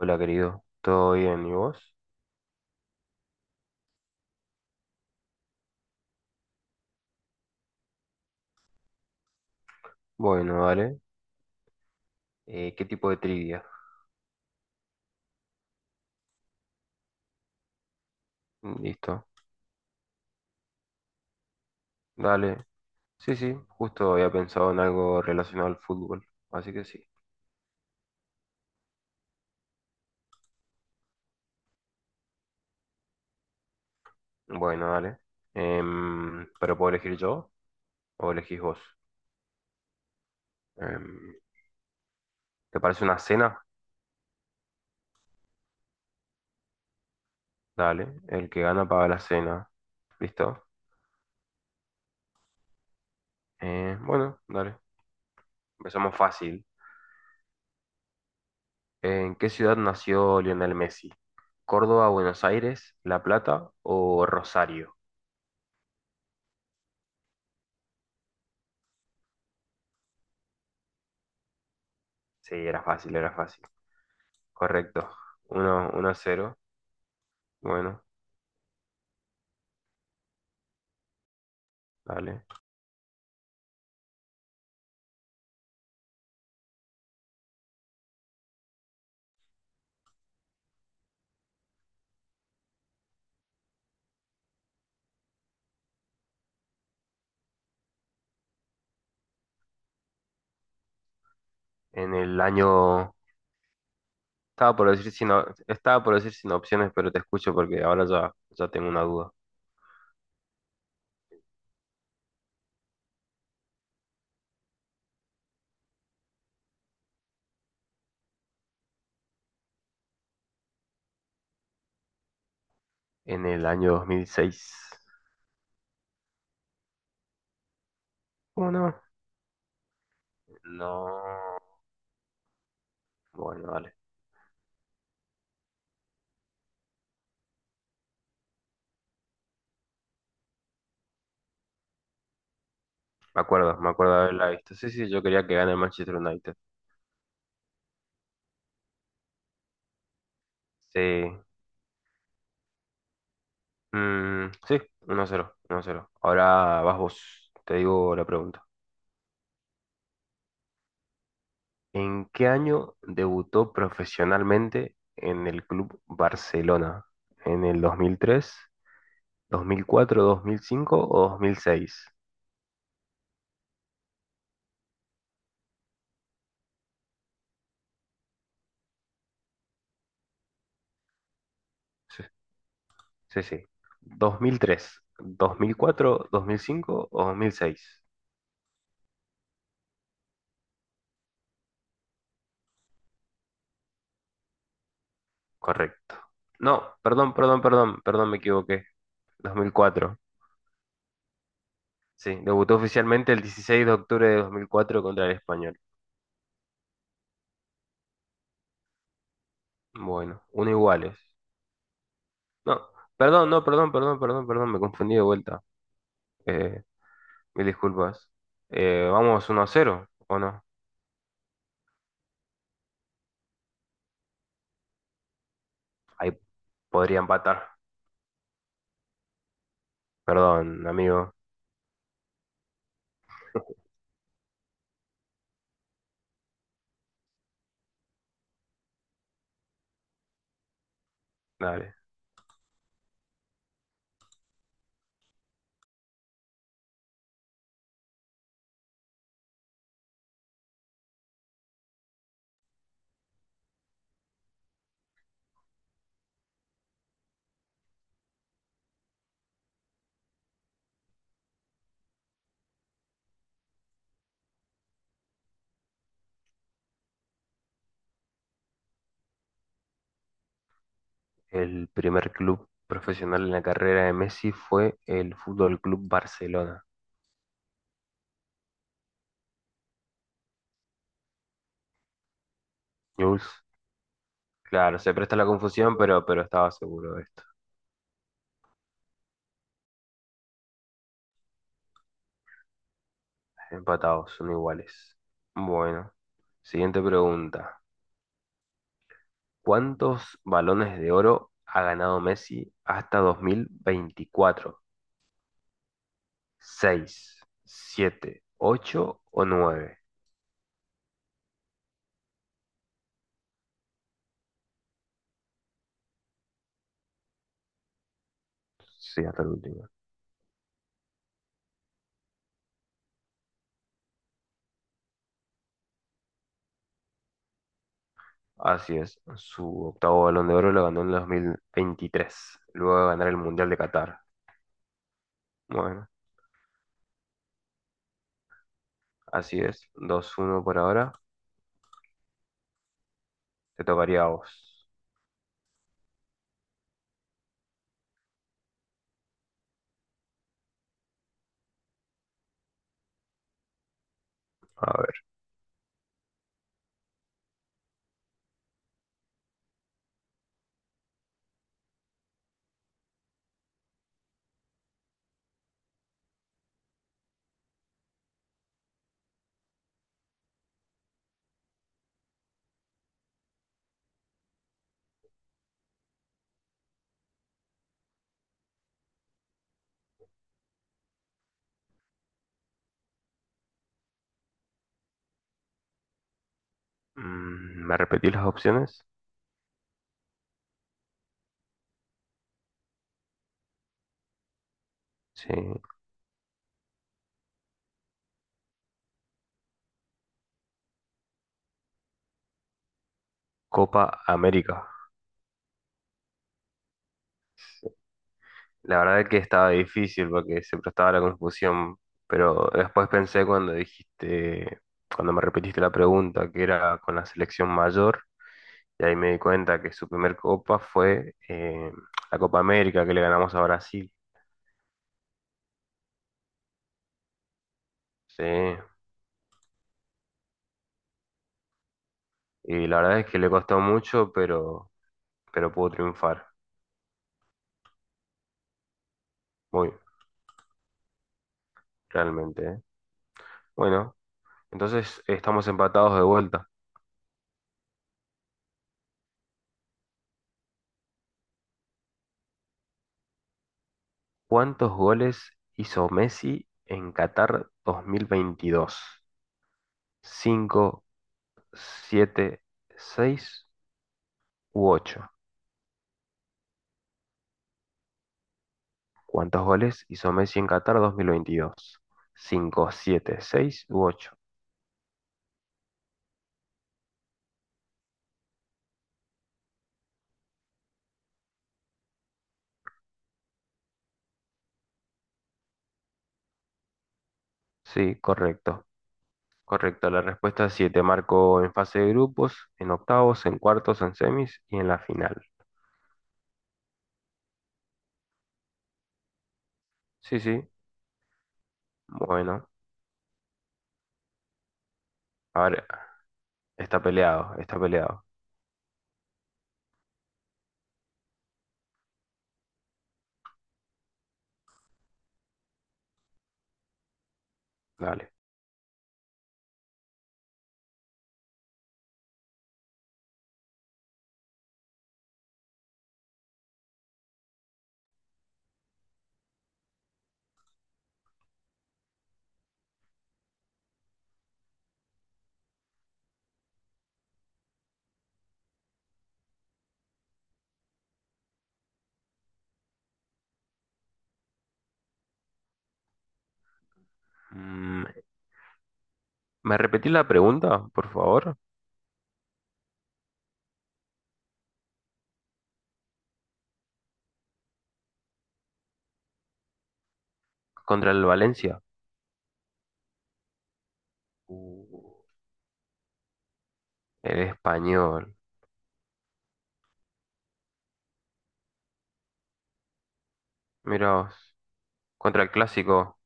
Hola, querido. ¿Todo bien? ¿Y vos? Bueno, dale. ¿Qué tipo de trivia? Listo. Dale. Sí, sí. Justo había pensado en algo relacionado al fútbol. Así que sí. Bueno, dale. ¿Pero puedo elegir yo o elegís vos? Em, ¿Te parece una cena? Dale. El que gana paga la cena. ¿Listo? Bueno, dale. Empezamos fácil. ¿En qué ciudad nació Lionel Messi? ¿Córdoba, Buenos Aires, La Plata o Rosario? Sí, era fácil, era fácil. Correcto. Uno a cero. Bueno, dale. En el año... Estaba por decir sin opciones, pero te escucho porque ahora ya tengo una duda. En el año 2006. ¿Cómo no? No. Bueno, dale. Me acuerdo de haberla visto. Sí, sí, yo quería que gane el Manchester United. Sí. Mm, sí, 1-0, 1-0. Ahora vas vos. Te digo la pregunta. ¿En qué año debutó profesionalmente en el Club Barcelona? ¿En el 2003, 2004, 2005 o 2006? Sí, sí. Sí. 2003, 2004, 2005 o 2006. Correcto. No, perdón, perdón, perdón, perdón, me equivoqué. 2004. Sí, debutó oficialmente el 16 de octubre de 2004 contra el Español. Bueno, uno iguales. No, perdón, no, perdón, perdón, perdón, perdón, me confundí de vuelta. Eh, Mil disculpas. Vamos 1-0, ¿o no? Ahí podría empatar. Perdón, amigo. Dale. El primer club profesional en la carrera de Messi fue el Fútbol Club Barcelona. Jules. Claro, se presta la confusión, pero estaba seguro de esto. Empatados, son iguales. Bueno, siguiente pregunta. ¿Cuántos balones de oro ha ganado Messi hasta 2024? ¿Seis, siete, 8 o nueve? Sí, hasta el último. Así es. Su octavo Balón de Oro lo ganó en el 2023, luego de ganar el Mundial de Qatar. Bueno, así es. 2-1 por ahora. Te tocaría a vos. A ver. ¿Me repetís las opciones? Sí. Copa América. La verdad es que estaba difícil porque se prestaba a la confusión, pero después pensé cuando dijiste, cuando me repetiste la pregunta, que era con la selección mayor. Y ahí me di cuenta que su primer copa fue la Copa América que le ganamos a Brasil. Sí. Y la verdad es que le costó mucho, pero pudo triunfar. Muy, realmente. ¿Eh? Bueno, entonces estamos empatados de vuelta. ¿Cuántos goles hizo Messi en Qatar 2022? ¿Cinco, siete, seis u ocho? ¿Cuántos goles hizo Messi en Qatar dos mil veintidós? ¿Cinco, siete, seis u ocho? Sí, correcto. Correcto, la respuesta es sí, te marcó en fase de grupos, en octavos, en cuartos, en semis y en la final. Sí, sí, bueno, a ver, está peleado, está peleado. Dale. Mm, ¿Me repetí la pregunta, por favor? Contra el Valencia. Uh, el español. Mira vos. Contra el clásico.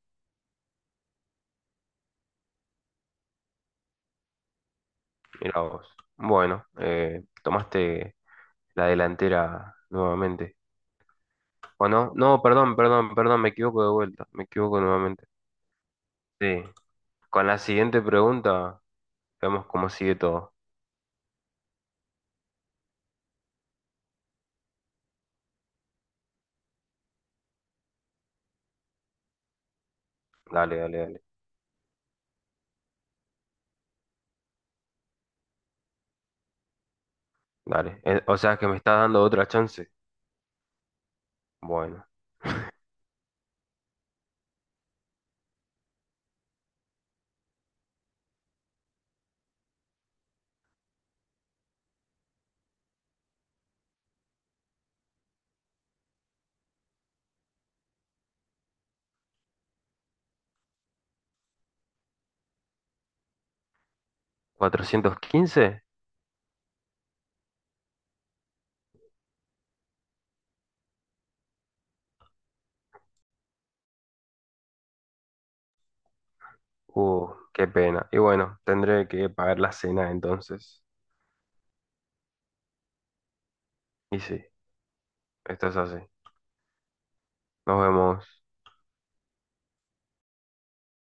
Mira vos. Bueno, tomaste la delantera nuevamente. O no, no, perdón, perdón, perdón, me equivoco de vuelta, me equivoco nuevamente. Sí. Con la siguiente pregunta, vemos cómo sigue todo. Dale, dale, dale. Dale. O sea que me estás dando otra chance. Bueno, 415. Qué pena. Y bueno, tendré que pagar la cena entonces. Y sí, esto es así. Nos vemos.